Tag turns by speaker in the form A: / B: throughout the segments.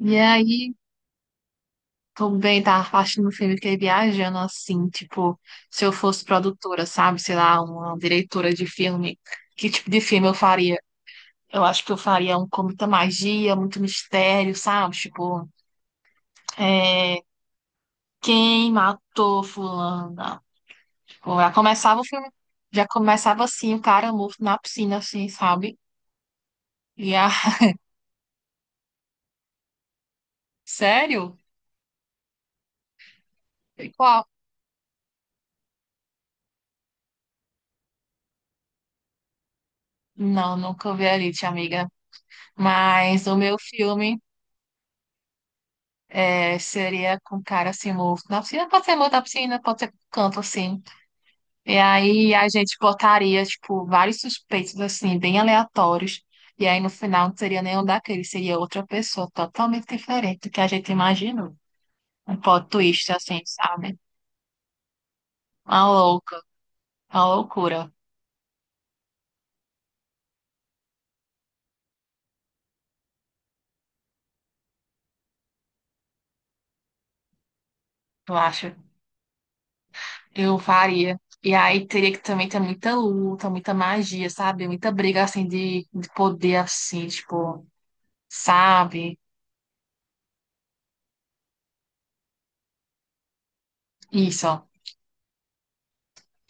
A: E aí, tô bem, tava assistindo um filme que é viajando assim, tipo, se eu fosse produtora, sabe? Sei lá, uma diretora de filme, que tipo de filme eu faria? Eu acho que eu faria um com muita magia, muito mistério, sabe? Tipo, é, quem matou fulana? Tipo, já começava o filme, já começava assim, o cara morto na piscina, assim, sabe? E a... Sério? E qual? Não, nunca vi a Elite, amiga. Mas o meu filme. É, seria com um cara assim, morto na piscina, pode ser morto na piscina, pode ser com canto assim. E aí a gente botaria, tipo, vários suspeitos assim, bem aleatórios. E aí no final não seria nenhum daqueles, seria outra pessoa totalmente diferente do que a gente imaginou. Um plot twist, assim, sabe? Uma louca, uma loucura, eu acho. Eu faria. E aí teria que também ter muita luta, muita magia, sabe? Muita briga assim de poder assim, tipo, sabe? Isso.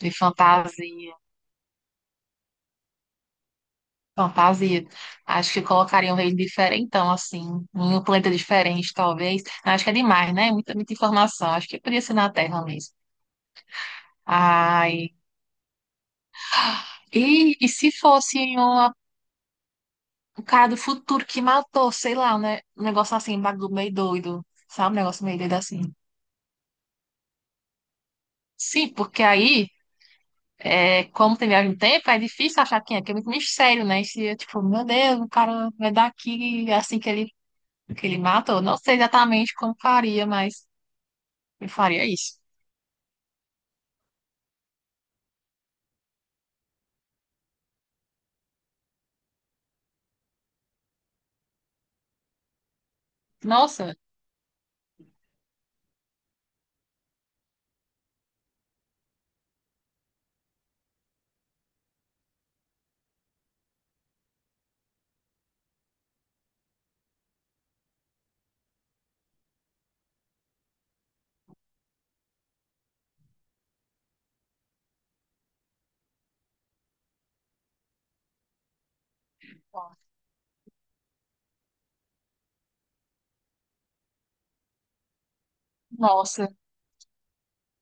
A: De fantasia. Fantasia. Acho que colocaria um rei diferentão, assim, em um planeta diferente, talvez. Acho que é demais, né? Muita, muita informação. Acho que podia ser na Terra mesmo. Ai. E se fosse um cara do futuro que matou, sei lá, né? Um negócio assim, um bagulho meio doido. Sabe? Um negócio meio doido assim. Sim, porque aí. É, como tem viagem no tempo, é difícil achar quem é, porque é muito mistério, né? E se, é, tipo, meu Deus, o cara vai daqui assim que ele matou. Não sei exatamente como faria, mas eu faria isso. Nossa, nossa.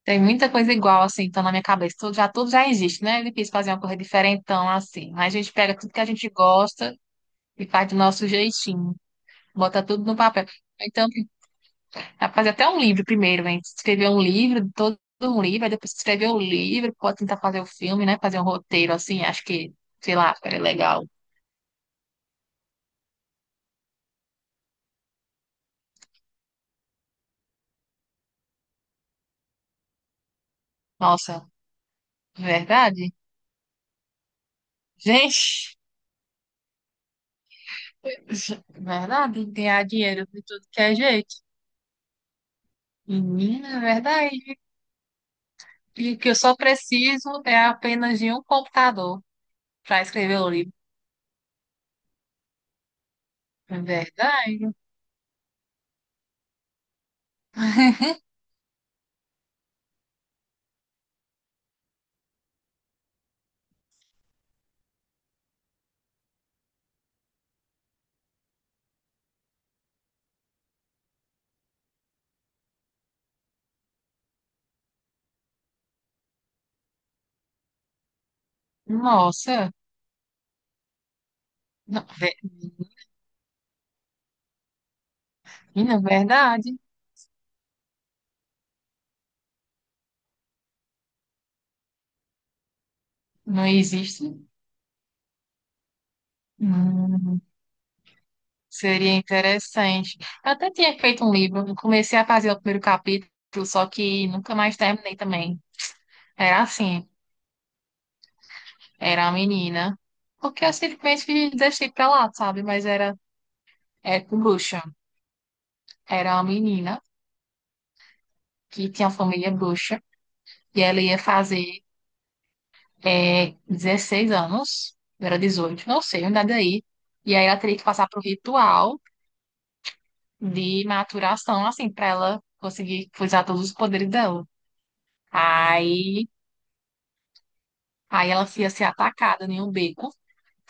A: Tem muita coisa igual, assim, então na minha cabeça. Tudo já existe, né? É difícil fazer uma coisa diferentão, assim. Mas a gente pega tudo que a gente gosta e faz do nosso jeitinho. Bota tudo no papel. Então, dá pra fazer até um livro primeiro, hein? Escrever um livro, todo um livro, aí depois escrever o livro, pode tentar fazer o filme, né? Fazer um roteiro, assim, acho que, sei lá, ficaria legal. Nossa, verdade? Gente. Verdade, ganhar dinheiro de tudo que é jeito. Menina, é verdade. E o que eu só preciso é apenas de um computador para escrever o livro. É verdade. Nossa, não, menina, é verdade. Não existe. Hum, seria interessante. Eu até tinha feito um livro, eu comecei a fazer o primeiro capítulo, só que nunca mais terminei também. Era assim, era a menina. Porque eu simplesmente deixei pra lá, sabe? Mas era, era com bruxa. Era uma menina que tinha família bruxa e ela ia fazer é, 16 anos, eu era 18, não sei, nada aí. E aí ela teria que passar por ritual de maturação, assim, para ela conseguir usar todos os poderes dela. Aí, aí ela ia ser atacada em um beco.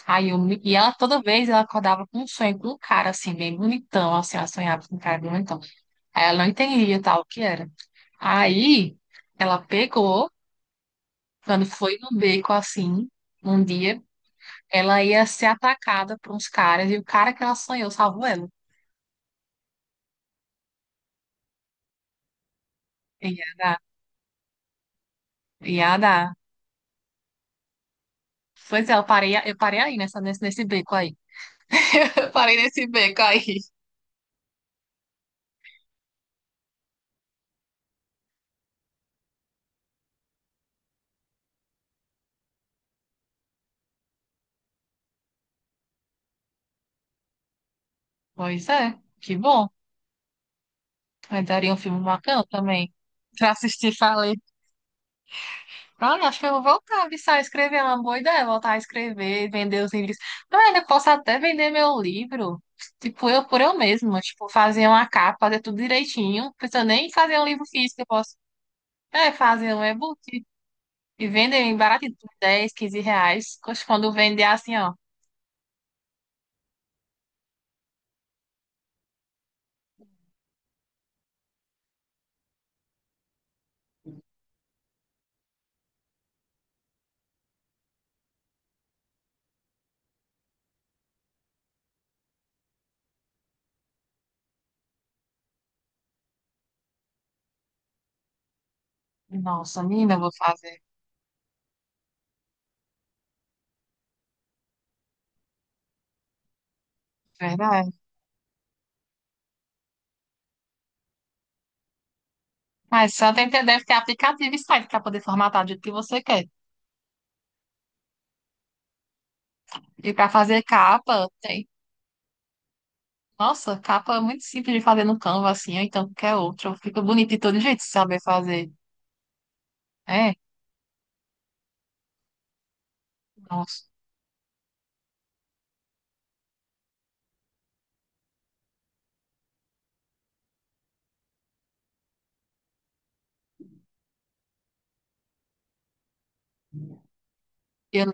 A: Aí eu, e ela toda vez ela acordava com um sonho com um cara assim, bem bonitão, assim, ela sonhava com um cara bem bonitão. Aí ela não entendia tal o que era. Aí ela pegou. Quando foi no beco assim, um dia, ela ia ser atacada por uns caras e o cara que ela sonhou salvou ela. Ia dar, ia dar. Pois é, eu parei aí nessa, nesse beco aí. Eu parei nesse beco aí. Pois é, que bom. Mas daria um filme bacana também. Pra assistir, falei. Olha, acho que eu vou voltar viu, a escrever, é uma boa ideia, voltar a escrever, vender os livros. Olha, eu posso até vender meu livro, tipo, eu por eu mesma, tipo, fazer uma capa, fazer tudo direitinho, não precisa nem fazer um livro físico, eu posso, é, fazer um e-book e vender baratinho, por 10, 15 reais. Poxa, quando vender assim, ó, nossa, menina, eu vou fazer, verdade. Mas só tem que, ter, deve ter aplicativo e site para poder formatar do jeito que você quer. E para fazer capa, nossa, capa é muito simples de fazer no Canva, assim, ou então qualquer outro. Fica bonito de todo jeito se saber fazer. É, nossa. Eu,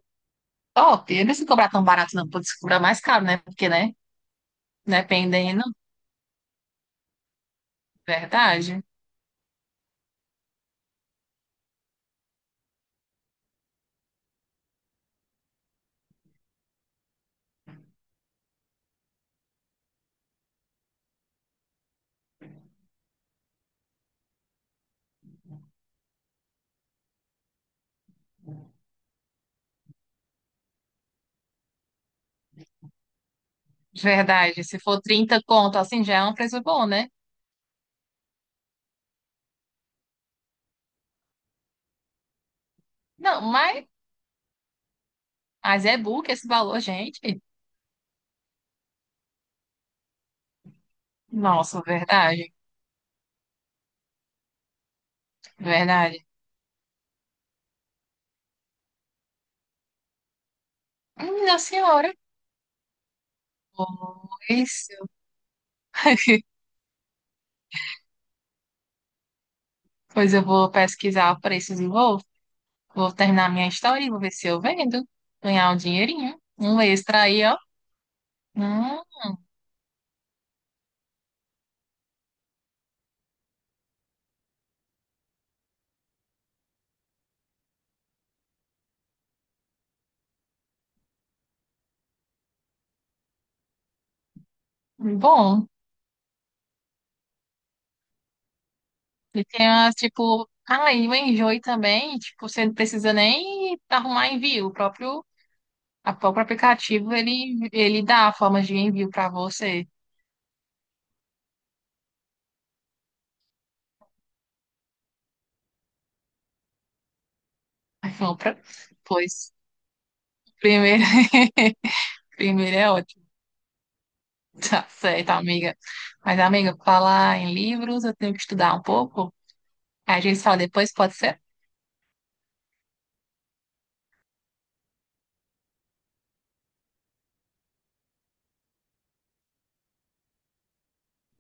A: top. Eu não se cobrar tão barato, não. Pode se cobrar mais caro, né? Porque, né? Dependendo. Verdade. Verdade. Se for trinta conto, assim, já é um preço bom, né? Não, mas é book esse valor, gente. Nossa, verdade. Verdade. Minha senhora. Pois, pois eu vou pesquisar preços e vou. Vou terminar minha história e vou ver se eu vendo. Ganhar um dinheirinho. Um extra aí, ó. Hum, bom. E tem umas, tipo... Ah, e o enjoy também. Tipo, você não precisa nem arrumar envio. O próprio, a, o próprio aplicativo, ele dá formas de envio pra você. Aí, compra. Pois, primeiro... primeiro é ótimo. Tá certo, amiga. Mas, amiga, falar em livros, eu tenho que estudar um pouco. Aí a gente fala depois, pode ser?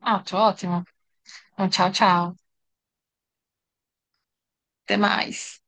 A: Ah, tá ótimo. Então, tchau, tchau. Até mais.